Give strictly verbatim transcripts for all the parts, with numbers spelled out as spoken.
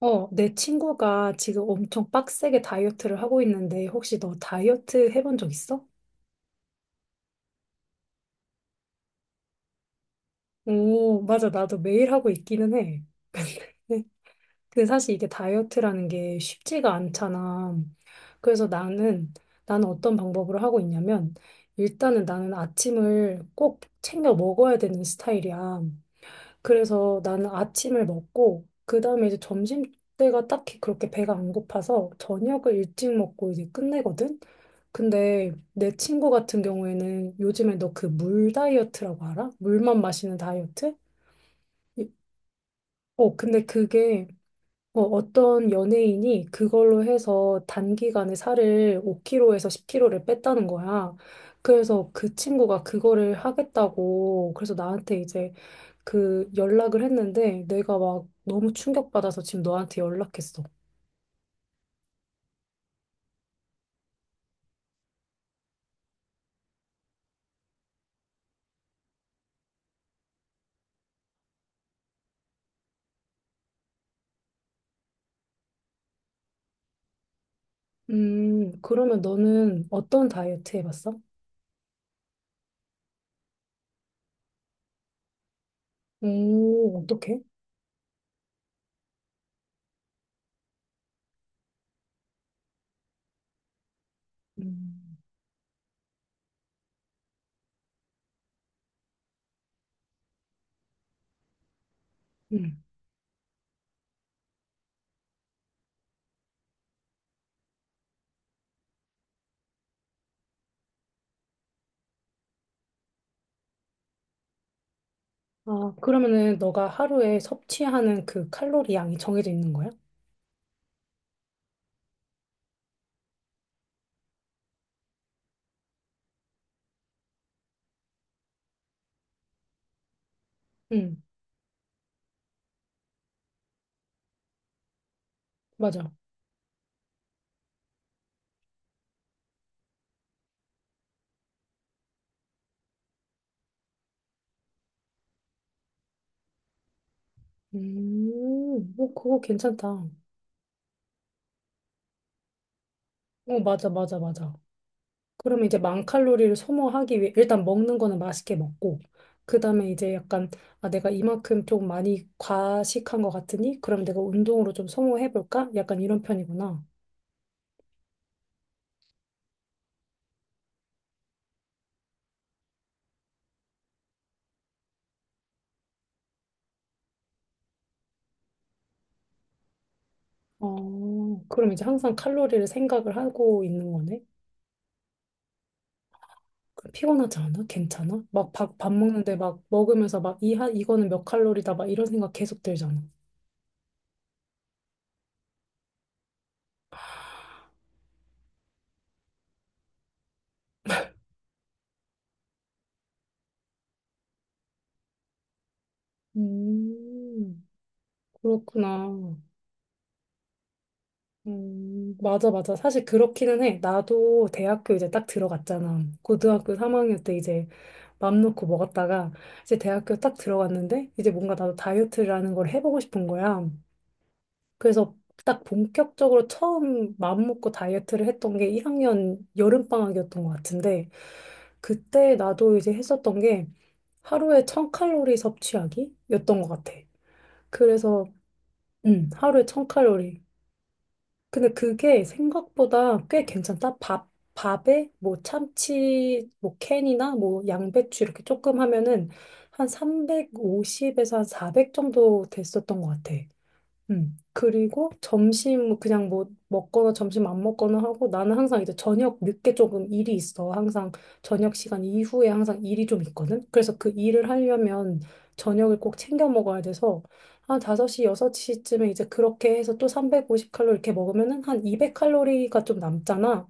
어, 내 친구가 지금 엄청 빡세게 다이어트를 하고 있는데, 혹시 너 다이어트 해본 적 있어? 오, 맞아. 나도 매일 하고 있기는 해. 근데 근데 사실 이게 다이어트라는 게 쉽지가 않잖아. 그래서 나는, 나는 어떤 방법으로 하고 있냐면, 일단은 나는 아침을 꼭 챙겨 먹어야 되는 스타일이야. 그래서 나는 아침을 먹고 그다음에 이제 점심 때가 딱히 그렇게 배가 안 고파서 저녁을 일찍 먹고 이제 끝내거든. 근데 내 친구 같은 경우에는 요즘에 너 그 물 다이어트라고 알아? 물만 마시는 다이어트? 이- 어, 근데 그게 어, 어떤 연예인이 그걸로 해서 단기간에 살을 오 킬로그램에서 십 킬로그램을 뺐다는 거야. 그래서 그 친구가 그거를 하겠다고 그래서 나한테 이제 그 연락을 했는데 내가 막 너무 충격받아서 지금 너한테 연락했어. 음, 그러면 너는 어떤 다이어트 해봤어? 오, 어떡해? 음, 음. 아, 그러면은 너가 하루에 섭취하는 그 칼로리 양이 정해져 있는 거야? 응, 맞아. 음, 뭐 그거 괜찮다. 어, 맞아, 맞아, 맞아. 그러면 이제 만 칼로리를 소모하기 위해 일단 먹는 거는 맛있게 먹고 그다음에 이제 약간 아 내가 이만큼 좀 많이 과식한 것 같으니 그럼 내가 운동으로 좀 소모해 볼까? 약간 이런 편이구나. 어, 그럼 이제 항상 칼로리를 생각을 하고 있는 거네. 그럼 피곤하지 않아? 괜찮아? 막 밥, 밥 먹는데 막 먹으면서 막 이, 하- 이거는 몇 칼로리다 막 이런 생각 계속 들잖아. 음, 그렇구나. 음, 맞아, 맞아. 사실 그렇기는 해. 나도 대학교 이제 딱 들어갔잖아. 고등학교 삼 학년 때 이제 맘 놓고 먹었다가 이제 대학교 딱 들어갔는데 이제 뭔가 나도 다이어트라는 걸 해보고 싶은 거야. 그래서 딱 본격적으로 처음 맘 먹고 다이어트를 했던 게 일 학년 여름방학이었던 것 같은데 그때 나도 이제 했었던 게 하루에 천 칼로리 섭취하기였던 것 같아. 그래서 음, 하루에 천 칼로리. 근데 그게 생각보다 꽤 괜찮다. 밥, 밥에 뭐 참치, 뭐 캔이나 뭐 양배추 이렇게 조금 하면은 한 삼백오십에서 한 사백 정도 됐었던 것 같아. 음. 그리고 점심 뭐 그냥 뭐 먹거나 점심 안 먹거나 하고 나는 항상 이제 저녁 늦게 조금 일이 있어. 항상 저녁 시간 이후에 항상 일이 좀 있거든. 그래서 그 일을 하려면 저녁을 꼭 챙겨 먹어야 돼서 한 다섯 시, 여섯 시쯤에 이제 그렇게 해서 또 삼백오십 칼로리 이렇게 먹으면은 한 이백 칼로리가 좀 남잖아.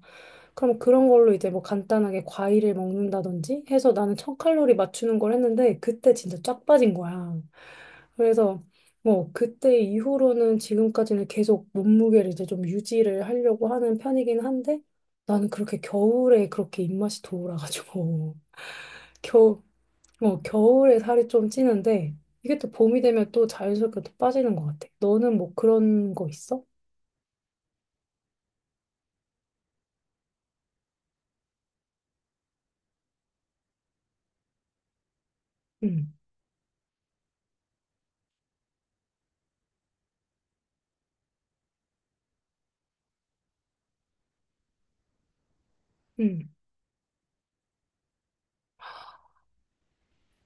그럼 그런 걸로 이제 뭐 간단하게 과일을 먹는다든지 해서 나는 천 칼로리 맞추는 걸 했는데 그때 진짜 쫙 빠진 거야. 그래서 뭐, 그때 이후로는 지금까지는 계속 몸무게를 이제 좀 유지를 하려고 하는 편이긴 한데, 나는 그렇게 겨울에 그렇게 입맛이 돌아가지고, 겨, 뭐, 겨울에 살이 좀 찌는데, 이게 또 봄이 되면 또 자연스럽게 또 빠지는 것 같아. 너는 뭐 그런 거 있어? 응, 응.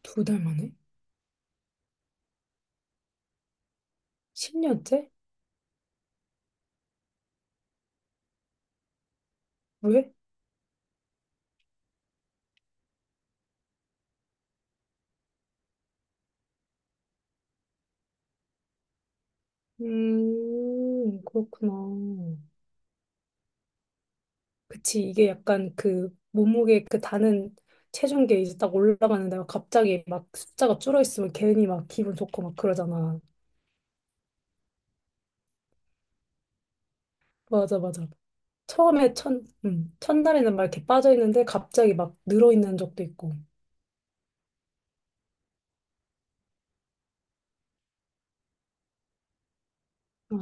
두 달 만에? 십 년째? 왜? 음, 그렇구나. 그치, 이게 약간 그 몸무게 그 다는 체중계 이제 딱 올라가는데 막 갑자기 막 숫자가 줄어 있으면 괜히 막 기분 좋고 막 그러잖아. 맞아, 맞아. 처음에 첫, 음, 첫날에는 막 이렇게 빠져 있는데 갑자기 막 늘어 있는 적도 있고. 아,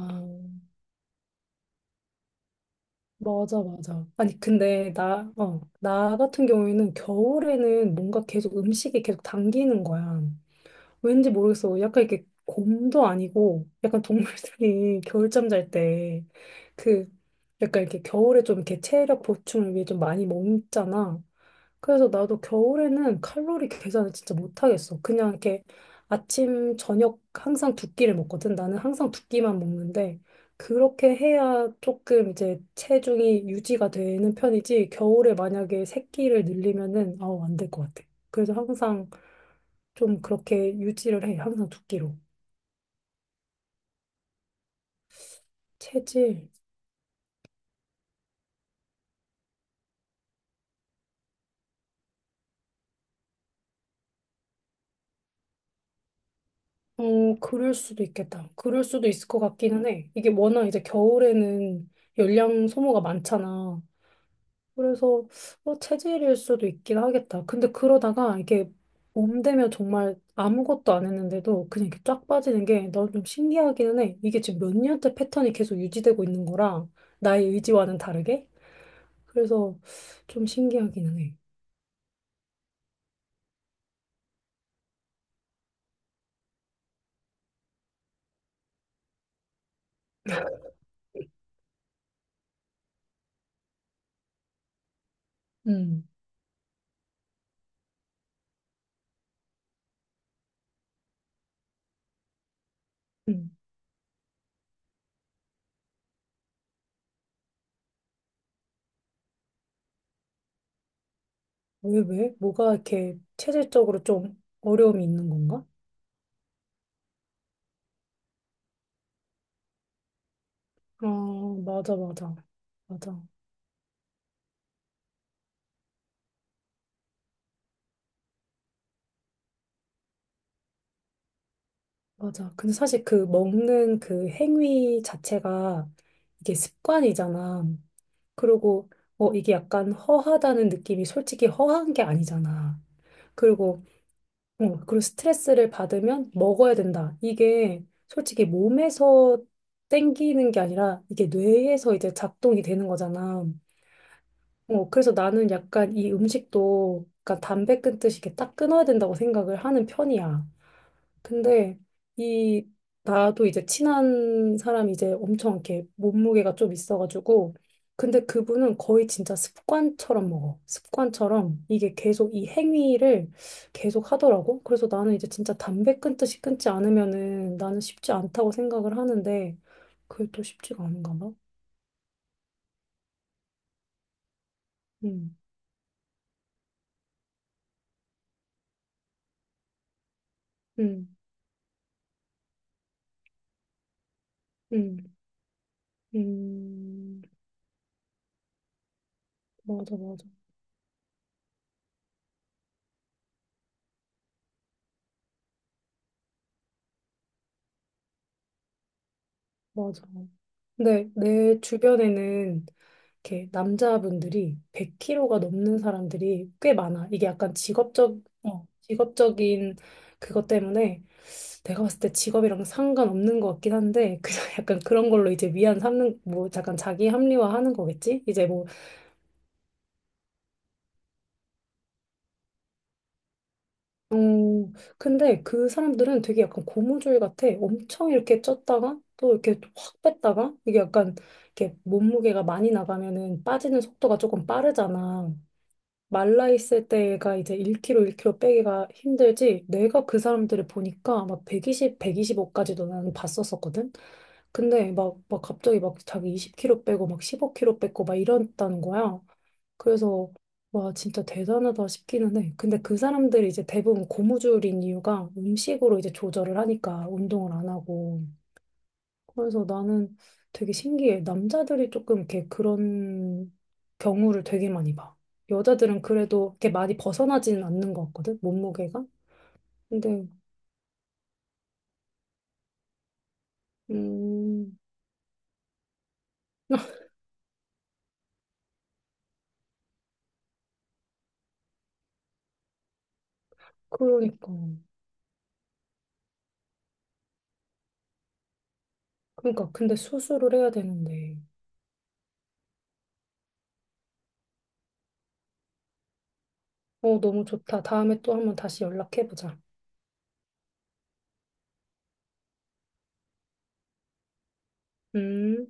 맞아, 맞아. 아니, 근데 나, 어, 나 같은 경우에는 겨울에는 뭔가 계속 음식이 계속 당기는 거야. 왠지 모르겠어. 약간 이렇게 곰도 아니고, 약간 동물들이 겨울잠 잘 때, 그, 약간 이렇게 겨울에 좀 이렇게 체력 보충을 위해 좀 많이 먹잖아. 그래서 나도 겨울에는 칼로리 계산을 진짜 못하겠어. 그냥 이렇게 아침, 저녁 항상 두 끼를 먹거든. 나는 항상 두 끼만 먹는데, 그렇게 해야 조금 이제 체중이 유지가 되는 편이지, 겨울에 만약에 세 끼를 늘리면은, 아우, 안 될 것 같아. 그래서 항상 좀 그렇게 유지를 해. 항상 두 끼로. 체질. 어, 그럴 수도 있겠다. 그럴 수도 있을 것 같기는 해. 이게 워낙 이제 겨울에는 열량 소모가 많잖아. 그래서 어, 체질일 수도 있긴 하겠다. 근데 그러다가 이게 봄 되면 정말 아무것도 안 했는데도 그냥 이렇게 쫙 빠지는 게 난 좀 신기하기는 해. 이게 지금 몇 년째 패턴이 계속 유지되고 있는 거라 나의 의지와는 다르게. 그래서 좀 신기하기는 해. 음. 음. 왜, 왜? 뭐가 이렇게 체질적으로 좀 어려움이 있는 건가? 아, 맞아, 맞아. 맞아, 맞아. 근데 사실 그 먹는 그 행위 자체가 이게 습관이잖아. 그리고, 어, 이게 약간 허하다는 느낌이 솔직히 허한 게 아니잖아. 그리고, 어, 그리고 스트레스를 받으면 먹어야 된다. 이게 솔직히 몸에서 땡기는 게 아니라 이게 뇌에서 이제 작동이 되는 거잖아. 어, 그래서 나는 약간 이 음식도 약간 담배 끊듯이 이렇게 딱 끊어야 된다고 생각을 하는 편이야. 근데 이 나도 이제 친한 사람이 이제 엄청 이렇게 몸무게가 좀 있어가지고 근데 그분은 거의 진짜 습관처럼 먹어. 습관처럼 이게 계속 이 행위를 계속 하더라고. 그래서 나는 이제 진짜 담배 끊듯이 끊지 않으면은 나는 쉽지 않다고 생각을 하는데 그게 또 쉽지가 않은가 봐. 음, 음, 음, 음. 맞아, 맞아, 맞아. 근데 내 주변에는 이렇게 남자분들이 백 킬로그램이 넘는 사람들이 꽤 많아. 이게 약간 직업적, 어, 직업적인 그것 때문에 내가 봤을 때 직업이랑 상관없는 것 같긴 한데, 그냥 약간 그런 걸로 이제 위안 삼는, 뭐 약간 자기 합리화 하는 거겠지? 이제 뭐 어, 근데 그 사람들은 되게 약간 고무줄 같아. 엄청 이렇게 쪘다가 또 이렇게 확 뺐다가 이게 약간 이렇게 몸무게가 많이 나가면은 빠지는 속도가 조금 빠르잖아. 말라 있을 때가 이제 일 킬로그램, 일 킬로그램 빼기가 힘들지. 내가 그 사람들을 보니까 막 백이십, 백이십오까지도 나는 봤었었거든. 근데 막, 막 갑자기 막 자기 이십 킬로그램 빼고 막 십오 킬로그램 뺐고 막 이랬다는 거야. 그래서 와 진짜 대단하다 싶기는 해. 근데 그 사람들이 이제 대부분 고무줄인 이유가 음식으로 이제 조절을 하니까 운동을 안 하고. 그래서 나는 되게 신기해. 남자들이 조금 이렇게 그런 경우를 되게 많이 봐. 여자들은 그래도 이렇게 많이 벗어나지는 않는 것 같거든, 몸무게가. 근데 음 그러니까 그러니까 근데 수술을 해야 되는데. 어 너무 좋다. 다음에 또 한번 다시 연락해 보자. 음.